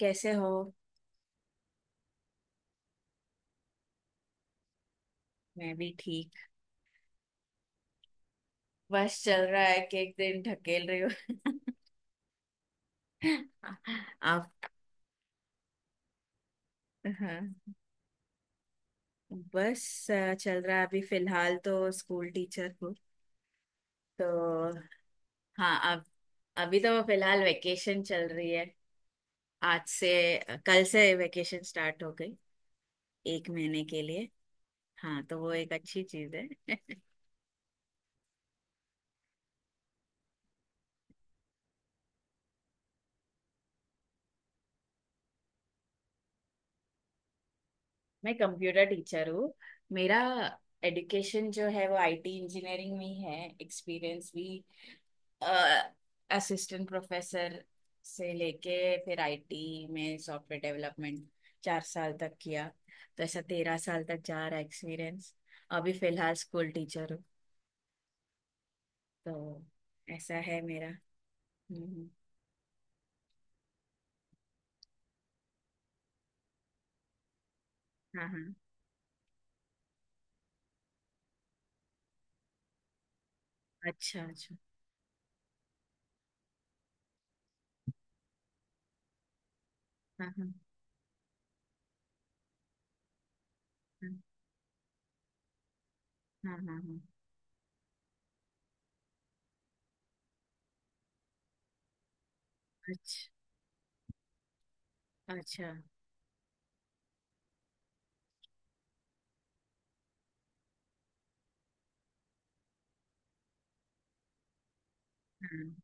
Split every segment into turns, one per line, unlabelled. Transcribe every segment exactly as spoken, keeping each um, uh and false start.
कैसे हो। मैं भी ठीक। बस चल रहा है कि एक दिन ढकेल रही हूँ। आप? हाँ, बस अ, चल रहा है, अभी फिलहाल तो स्कूल टीचर हूँ तो। हाँ, अब अभी तो फिलहाल वेकेशन चल रही है। आज से अ, कल से वेकेशन स्टार्ट हो गई, एक महीने के लिए। हाँ तो वो एक अच्छी चीज है। मैं कंप्यूटर टीचर हूँ। मेरा एजुकेशन जो है वो आईटी इंजीनियरिंग में ही है, एक्सपीरियंस भी असिस्टेंट प्रोफेसर से लेके, फिर आईटी में सॉफ्टवेयर डेवलपमेंट चार साल तक किया। तो ऐसा तेरह साल तक जा रहा एक्सपीरियंस। अभी फिलहाल स्कूल टीचर हूँ तो। ऐसा है मेरा। हम्म। हाँ हाँ। अच्छा अच्छा। हाँ हाँ हाँ हाँ हाँ हाँ, अच्छा अच्छा। हाँ,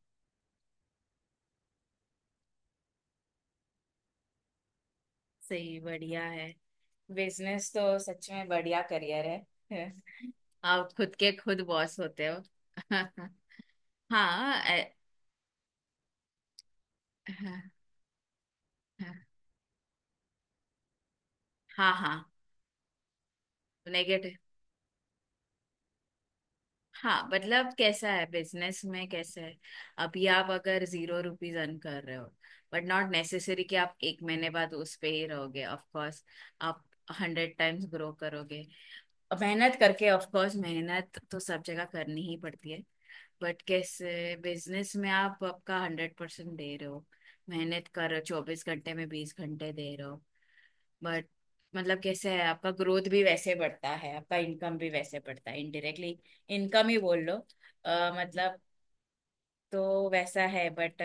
सही बढ़िया है। बिजनेस तो सच में बढ़िया करियर है। आप खुद के खुद बॉस होते हो। हाँ ए- हाँ हाँ हाँ नेगेटिव। हाँ, मतलब कैसा है बिजनेस में, कैसा है? अभी आप अगर जीरो रुपीज अर्न कर रहे हो, बट नॉट नेसेसरी कि आप एक महीने बाद उस पे ही रहोगे। ऑफ कोर्स आप हंड्रेड टाइम्स ग्रो करोगे मेहनत करके। ऑफ कोर्स मेहनत तो सब जगह करनी ही पड़ती है, बट कैसे। बिजनेस में आप आपका हंड्रेड परसेंट दे रहे हो, मेहनत कर रहे हो, चौबीस घंटे में बीस घंटे दे रहे हो, बट मतलब कैसे है, आपका ग्रोथ भी वैसे बढ़ता है, आपका इनकम भी वैसे बढ़ता है, इनडायरेक्टली इनकम ही बोल लो। अ, मतलब, तो वैसा है बट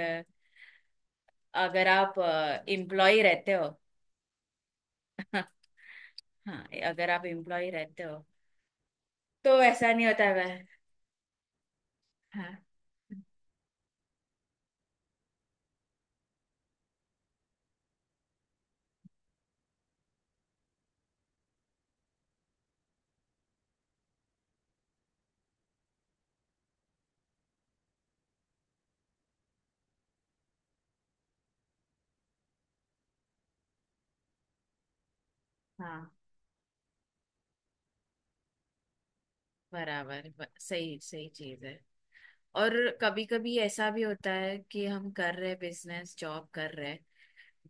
अगर आप एम्प्लॉय रहते हो। हाँ, अगर आप एम्प्लॉय रहते हो तो वैसा नहीं होता है। हाँ हाँ, बराबर। ब- सही सही चीज है। और कभी कभी ऐसा भी होता है कि हम कर रहे बिजनेस, जॉब कर रहे,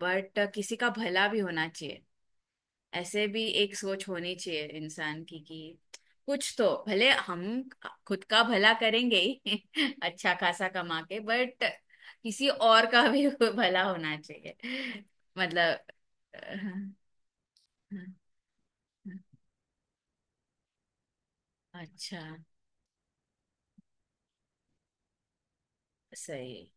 बट किसी का भला भी होना चाहिए। ऐसे भी एक सोच होनी चाहिए इंसान की कि कुछ तो भले, हम खुद का भला करेंगे ही अच्छा खासा कमा के, बट किसी और का भी भला होना चाहिए। मतलब, अच्छा। सही।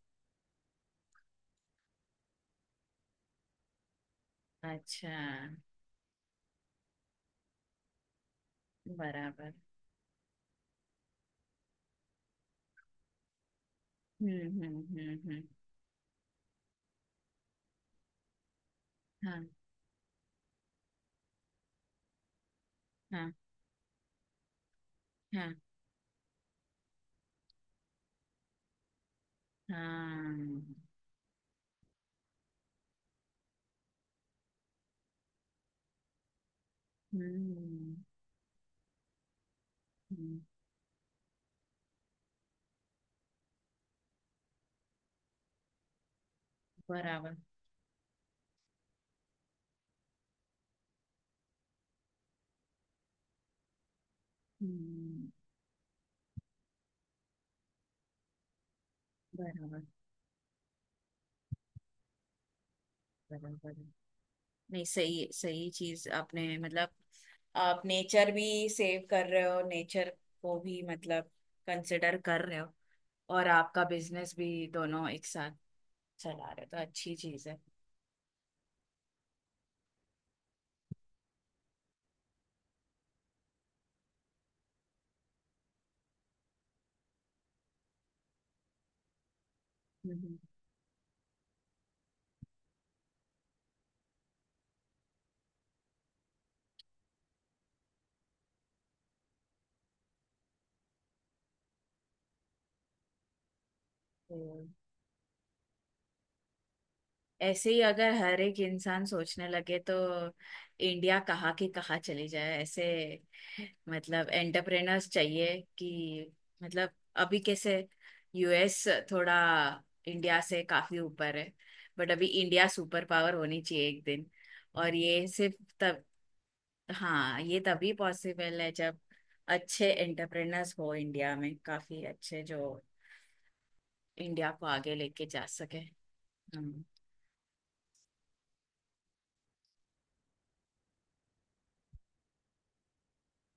अच्छा। बराबर। हम्म हम्म हम्म हम्म। हाँ हाँ हाँ हाँ। हम्म हम्म, बराबर। हम्म। बराबर बराबर। नहीं सही सही चीज आपने, मतलब आप नेचर भी सेव कर रहे हो, नेचर को भी मतलब कंसिडर कर रहे हो और आपका बिजनेस भी, दोनों एक साथ चला रहे हो, तो अच्छी चीज है। हम्म, हम्म। तो ऐसे ही अगर हर एक इंसान सोचने लगे तो इंडिया कहाँ की कहाँ चली जाए ऐसे। मतलब एंटरप्रेनर्स चाहिए कि, मतलब अभी कैसे, यूएस थोड़ा इंडिया से काफी ऊपर है, बट अभी इंडिया सुपर पावर होनी चाहिए एक दिन। और ये सिर्फ तब। हाँ, ये तभी पॉसिबल है जब अच्छे एंटरप्रेनर्स हो इंडिया में, काफी अच्छे जो इंडिया को आगे लेके जा सके। हम्म,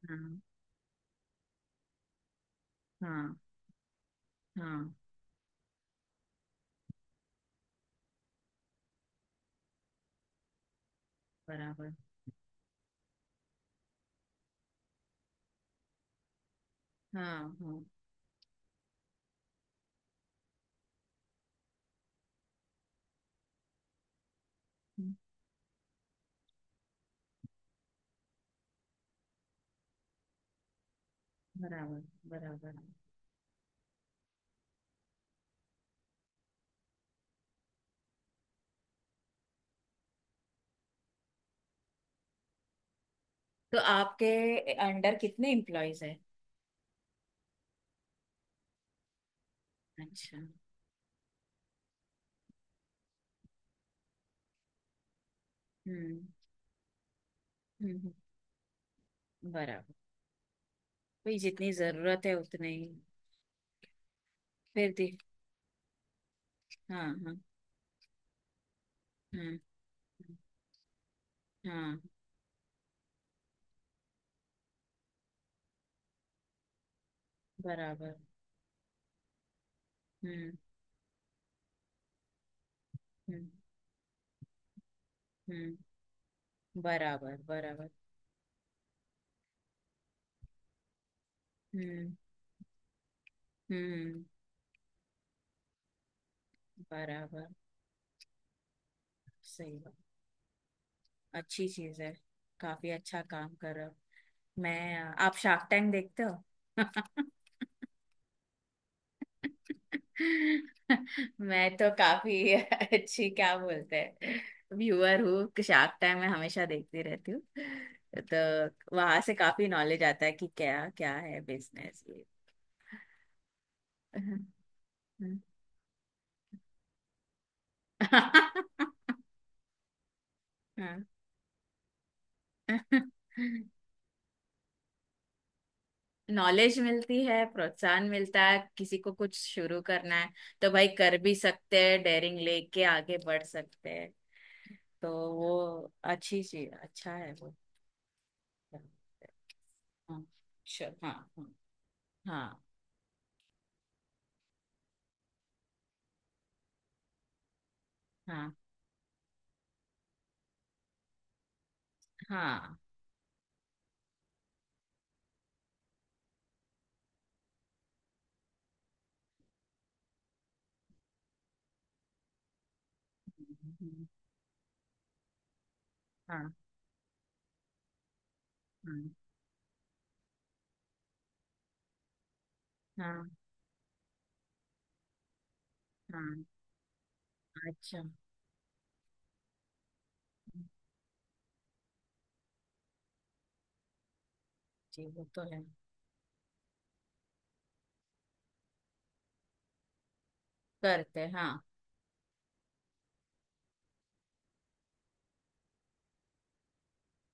हाँ हाँ हाँ। बराबर। हाँ हाँ। बराबर बराबर। तो आपके अंडर कितने एम्प्लॉयज हैं? अच्छा। हम्म हम्म, बराबर। भाई जितनी जरूरत है उतने ही। फिर दी। हाँ हाँ। हम्म। हाँ, बराबर। हम्म हम्म हम्म। बराबर बराबर। हम्म हम्म। बराबर। सही बात। अच्छी चीज है। काफी अच्छा काम कर रहे हो। मैं आप शार्क टैंक देखते हो? मैं तो काफी अच्छी क्या बोलते हैं, व्यूअर हूँ। शार्क टाइम में हमेशा देखती रहती हूँ। तो वहां से काफी नॉलेज आता है कि क्या क्या है बिजनेस। ये नॉलेज मिलती है, प्रोत्साहन मिलता है। किसी को कुछ शुरू करना है तो भाई कर भी सकते हैं, डेयरिंग लेके आगे बढ़ सकते हैं। तो वो अच्छी चीज, अच्छा है वो। हाँ, चल हाँ। हाँ हाँ हाँ हाँ हम्म, हाँ हाँ हाँ हाँ, अच्छा। जी, वो तो है। करते हैं, हाँ।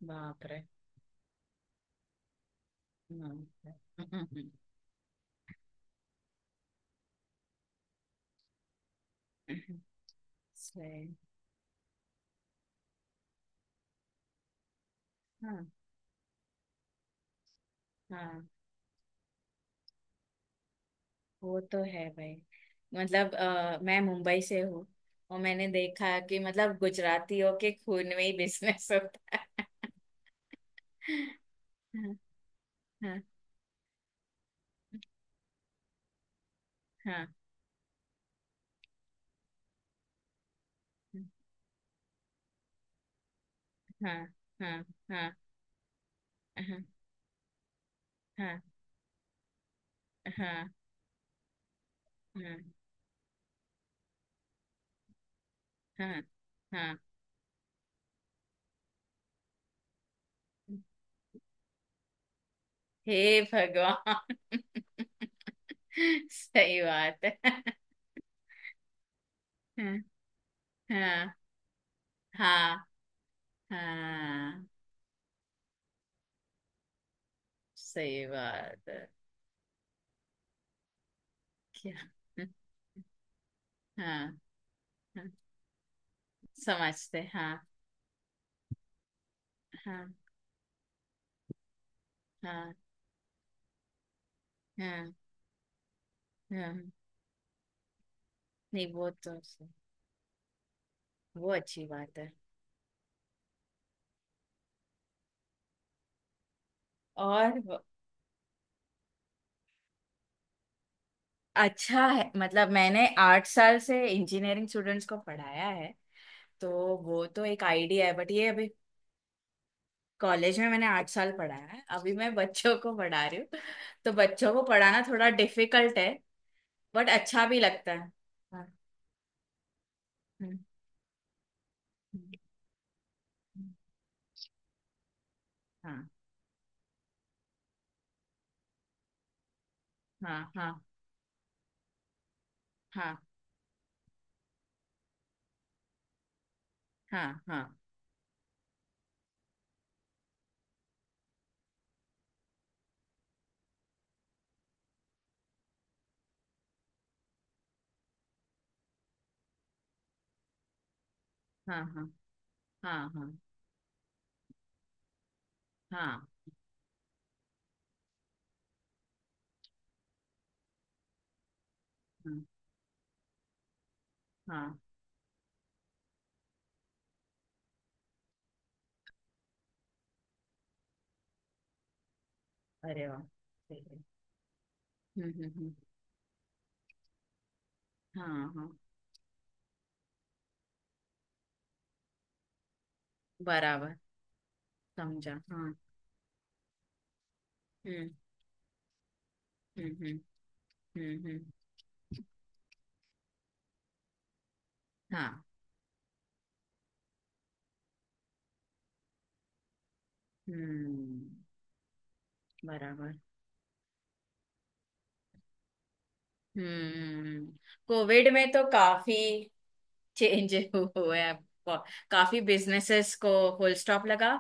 बाप रे। हाँ, हम्म, सही। हाँ हाँ, वो तो है भाई। मतलब अ, मैं मुंबई से हूँ और मैंने देखा कि मतलब गुजरातियों के खून में ही बिजनेस होता है। हाँ हाँ हाँ हाँ हाँ हाँ हाँ हाँ हाँ, हाँ हाँ हाँ हाँ। हे भगवान सही बात है। हाँ हाँ हाँ हाँ, सही बात है। क्या। हाँ हाँ, समझते हैं, हाँ। हाँ हाँ हाँ हाँ। नहीं वो तो सही, वो अच्छी बात है। और वो- अच्छा है। मतलब मैंने आठ साल से इंजीनियरिंग स्टूडेंट्स को पढ़ाया है। तो वो तो एक आइडिया है बट ये अभी। कॉलेज में मैंने आठ साल पढ़ाया है, अभी मैं बच्चों को पढ़ा रही हूँ। तो बच्चों को पढ़ाना थोड़ा डिफिकल्ट है, बट अच्छा भी लगता है। हाँ, हम्म, हम्म, हाँ हाँ हाँ हाँ हाँ हाँ हाँ हाँ हाँ हाँ हाँ हाँ, हाँ, अरे वाह सही है। हम्म हम्म हम्म, हाँ हाँ, बराबर समझा हाँ। हम्म हम्म हम्म हम्म हम्म, हाँ। हम्म, बराबर। हम्म। कोविड में तो काफी चेंज हुए हैं। बहुत- काफी बिजनेसेस को फुल स्टॉप लगा।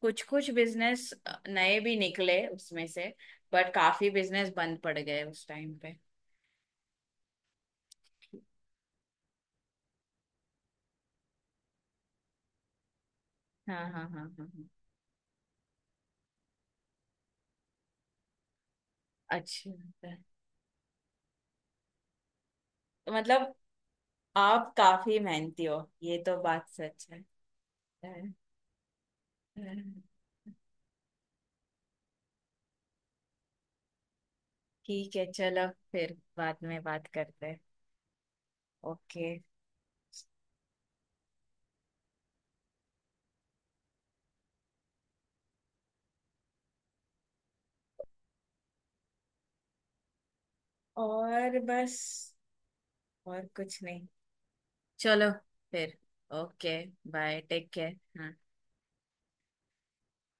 कुछ कुछ बिजनेस नए भी निकले उसमें से, बट काफी बिजनेस बंद पड़ गए उस टाइम पे। हाँ हाँ हाँ हाँ हाँ। अच्छी बात है। तो मतलब आप काफी मेहनती हो। ये तो बात सच है। ठीक है, चलो फिर बाद में बात करते हैं। ओके। और बस, और कुछ नहीं। चलो फिर। ओके, बाय, टेक केयर, हाँ।